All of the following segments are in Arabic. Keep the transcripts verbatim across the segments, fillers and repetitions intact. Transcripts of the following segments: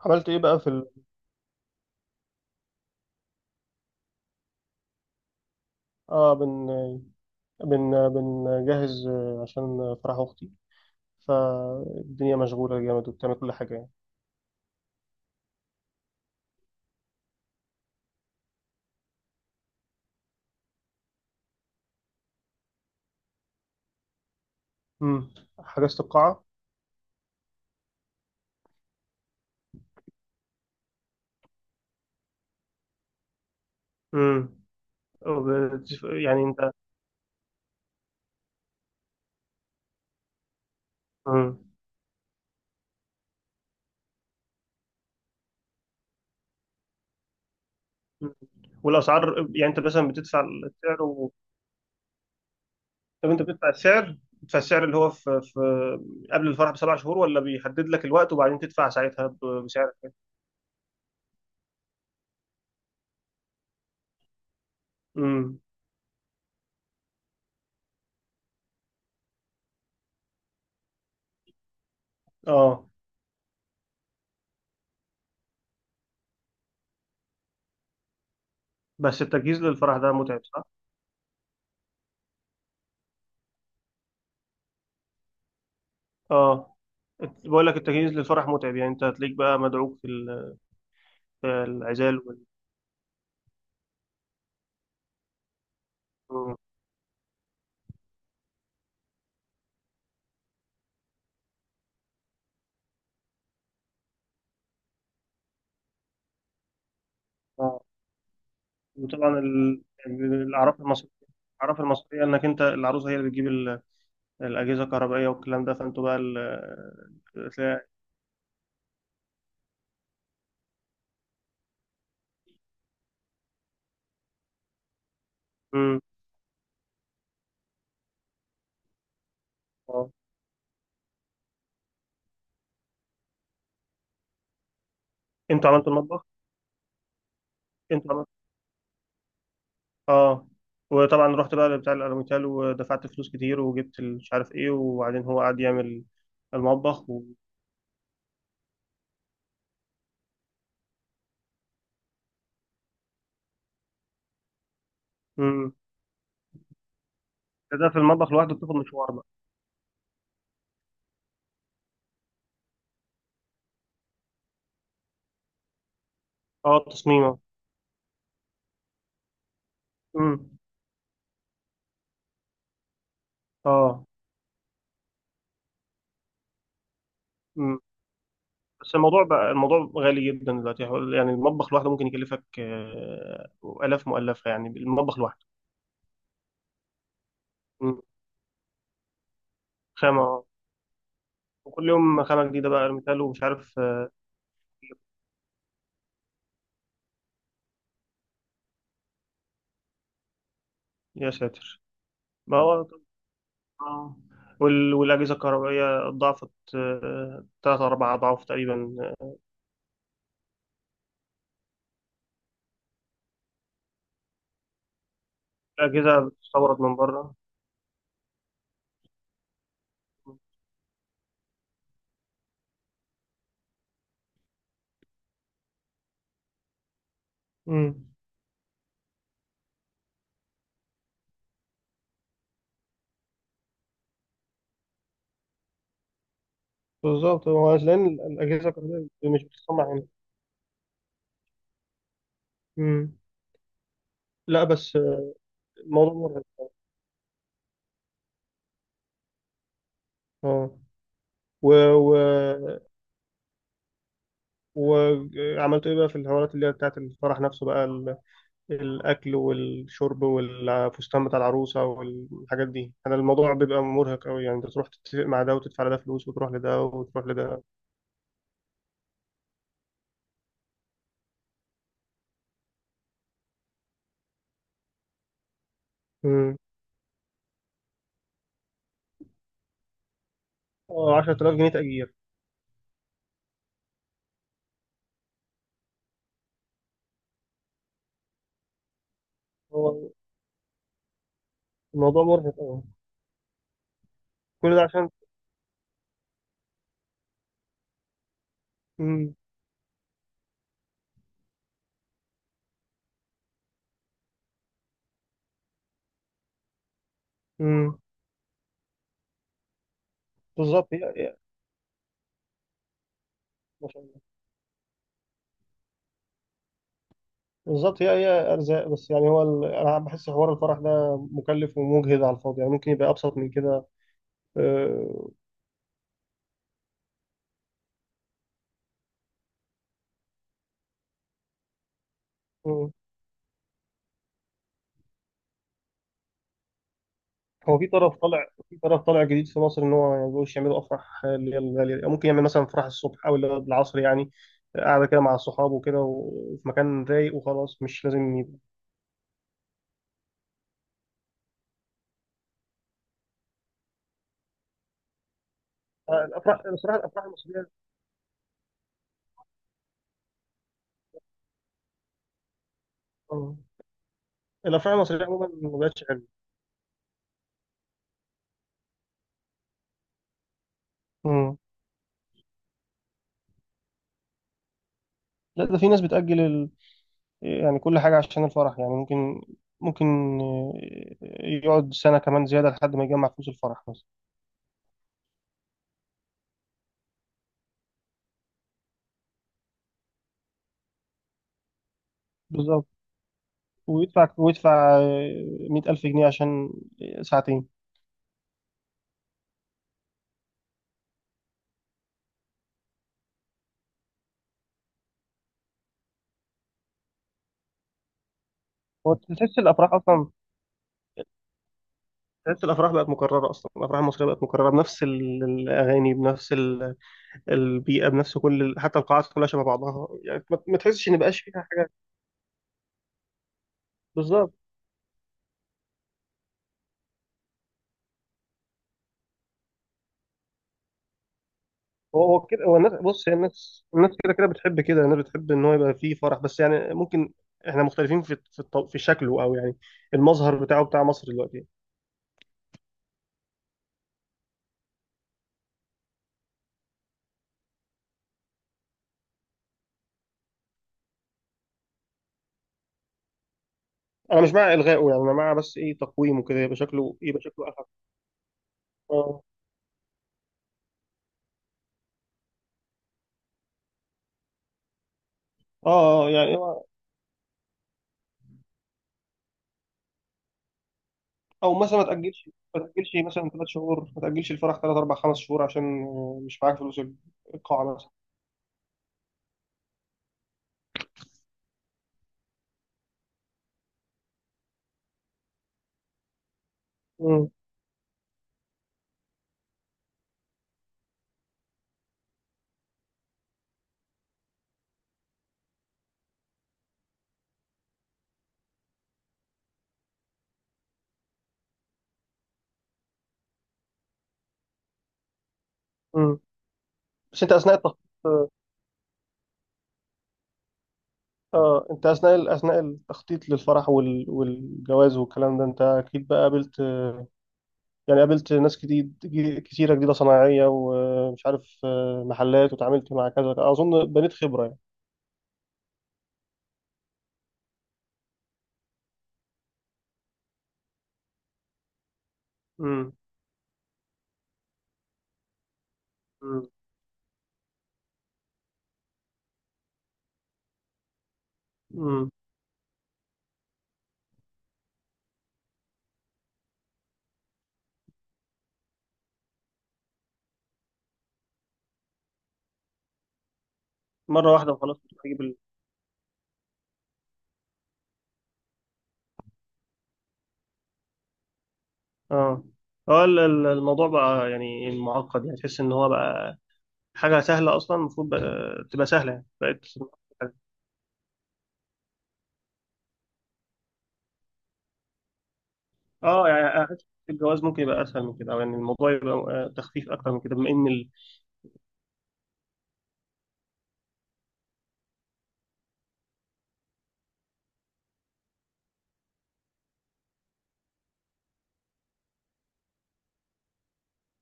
عملت ايه بقى في ال... اه بن بن بنجهز، آه، عشان فرح اختي. فالدنيا مشغوله جامد وبتعمل كل حاجه يعني. امم حجزت القاعه. امم وب- يعني انت. امم والاسعار يعني انت مثلا بتدفع السعر و... طب انت بتدفع السعر، بتدفع السعر اللي هو في, في قبل الفرح بسبع شهور، ولا بيحدد لك الوقت وبعدين تدفع ساعتها ب- بسعر؟ امم اه بس التجهيز للفرح ده متعب، صح؟ اه الت- بقول لك التجهيز للفرح متعب. يعني انت هتلاقيك بقى مدعوك في ال- في العزال وال... آه. وطبعا ال- الاعراف المصريه، الاعراف المصريه انك انت العروسه هي اللي بتجيب ال- الاجهزه الكهربائيه والكلام ده، فانتوا بقى ال... تلاقي- مم. اه انتوا عملتوا المطبخ. انتوا عملتوا اه. وطبعا رحت بقى بتاع الالوميتال ودفعت فلوس كتير، وجبت ال- مش عارف ايه، وبعدين هو قعد يعمل المطبخ و... مم. ده في المطبخ لوحده بتاخد مشوار بقى. اه التصميم، اه مم. اه، مم. بس الموضوع بقى، الموضوع غالي جدا دلوقتي. حوالي- يعني المطبخ لوحده ممكن يكلفك، آه، آلاف مؤلفة، يعني المطبخ لوحده. مم. خامة، آه. وكل يوم خامة جديدة بقى مثال، ومش عارف، آه، يا ساتر. ما هو طب- آه. وال- والأجهزة الكهربائية ضعفت، آه، تلات أربع أضعاف تقريبا، آه، الأجهزة بتستورد من بره. مم. بالظبط، هو لأن الأجهزة الكهربائية مش بتتصنع هنا. مم. لا، بس، آه، الموضوع مرعب. اه، و... وعملتوا ايه بقى في الحوارات اللي هي بتاعت الفرح نفسه بقى، ال- الاكل والشرب والفستان بتاع العروسه والحاجات دي. انا الموضوع بيبقى مرهق قوي، يعني انت تروح تتفق مع ده وتدفع لده فلوس، وتروح لده وتروح لده. امم اه، عشرة آلاف جنيه تأجير. هو الموضوع مرهق قوي، كل ده عشان. امم امم بالظبط. هي هي- ما شاء الله. بالظبط، هي هي ارزاق. بس يعني، هو ال... انا بحس حوار الفرح ده مكلف ومجهد على الفاضي، يعني ممكن يبقى ابسط من كده. آه، هو في طرف طالع، في طرف طالع جديد في مصر، ان هو ما يقولش يعملوا افراح اللي هي الغاليه دي. ممكن يعمل مثلا فرح الصبح او اللي هو العصر، يعني قاعده كده مع الصحاب وكده وفي مكان رايق وخلاص، مش لازم يبقى. آه، الافراح بصراحه، الافراح المصريه. آه، الافراح المصريه عموما ما بقتش حلوه. مم. لا، ده في ناس بتاجل ال... يعني كل حاجه عشان الفرح، يعني ممكن، ممكن آه، يقعد سنه كمان زياده لحد ما يجمع فلوس الفرح مثلا. بالظبط. ويدفع ويدفع مئة ألف جنيه عشان ساعتين. هو تحس الافراح اصلا تحس الافراح بقت مكرره اصلا. الافراح المصريه بقت مكرره بنفس ال- الاغاني، بنفس ال- البيئه، بنفس كل ال- حتى القاعات كلها شبه بعضها، يعني ما ما تحسش ان بقاش فيها حاجه. بالظبط. هو هو كده. هو الناس، بص، هي الناس، الناس كده كده بتحب كده. الناس بتحب ان هو يبقى فيه فرح، بس يعني ممكن احنا مختلفين في في, الط- في شكله، او يعني المظهر بتاعه، بتاع مصر دلوقتي. انا مش مع الغائه، يعني انا مع بس ايه، تقويمه كده، يبقى شكله، يبقى شكله اخف. اه، اه، آه، يعني، او مثلا ما تاجلش ما تاجلش مثلا ثلاث شهور، ما تاجلش الفرح ثلاث اربع خمس شهور عشان، آه، مش معاك فلوس. القاعه مثلا. مم. مم. بس انت اثناء التخطيط، اه، آه، انت اثناء، اثناء التخطيط للفرح وال... والجواز والكلام ده، انت اكيد بقى قابلت، آه، يعني قابلت ناس جديد جي- كتيره جديده صناعيه، ومش عارف، آه، محلات، وتعاملت مع كذا. اظن بنيت خبره يعني. مم. مم. مم. مره واحده وخلاص بتجيب ال... اه، هو ال- ال- الموضوع بقى يعني معقد، يعني تحس ان هو بقى حاجة سهلة أصلا، المفروض بقى- تبقى سهلة، يعني بقت. اه، يعني أحس الجواز ممكن يبقى اسهل من كده، او يعني الموضوع يبقى، آه، تخفيف اكتر من كده، بما ان ال...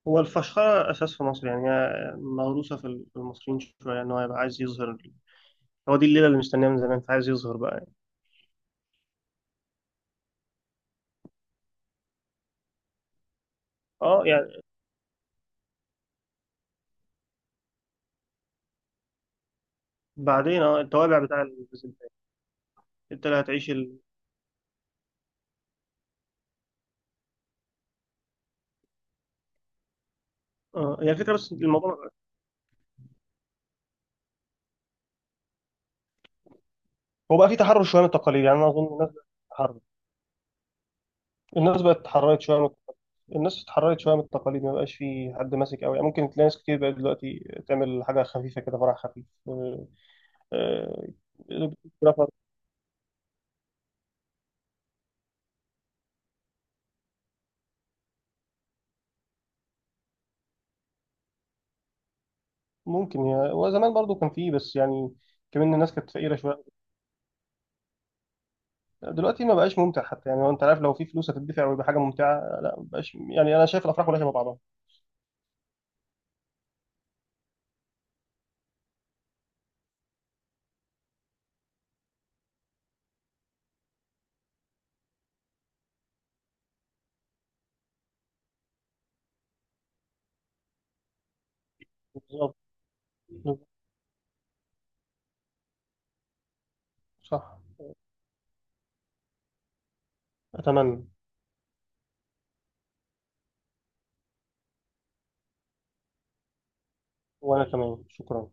هو الفشخره اساس في مصر، يعني هي موروثه في ال- في المصريين شويه، ان هو يبقى عايز يظهر. هو دي الليله اللي مستنيها من زمان، فعايز يظهر بقى يعني. اه، يعني بعدين، اه التوابع بتاع ال- انت اللي هتعيش ال... اه، يعني الفكره، بس الموضوع. هو بقى فيه تحرر شويه من التقاليد، يعني انا اظن الناس بقت تتحرر. الناس بقت اتحررت شويه، من الناس اتحررت شويه من التقاليد. ما بقاش في حد ماسك قوي، يعني ممكن تلاقي ناس كتير بقت دلوقتي تعمل حاجه خفيفه كده، فرح خفيف. آه، آه، ممكن، يعني، وزمان برضو كان فيه، بس يعني كمان الناس كانت فقيره شويه. دلوقتي ما بقاش ممتع حتى، يعني هو انت عارف، لو في فلوس هتدفع ويبقى حاجه ممتعه، لا، ما بقاش. يعني انا شايف الافراح كلها شبه بعضها. بالظبط. بالظبط. صح. اتمنى. وانا كمان، شكرا.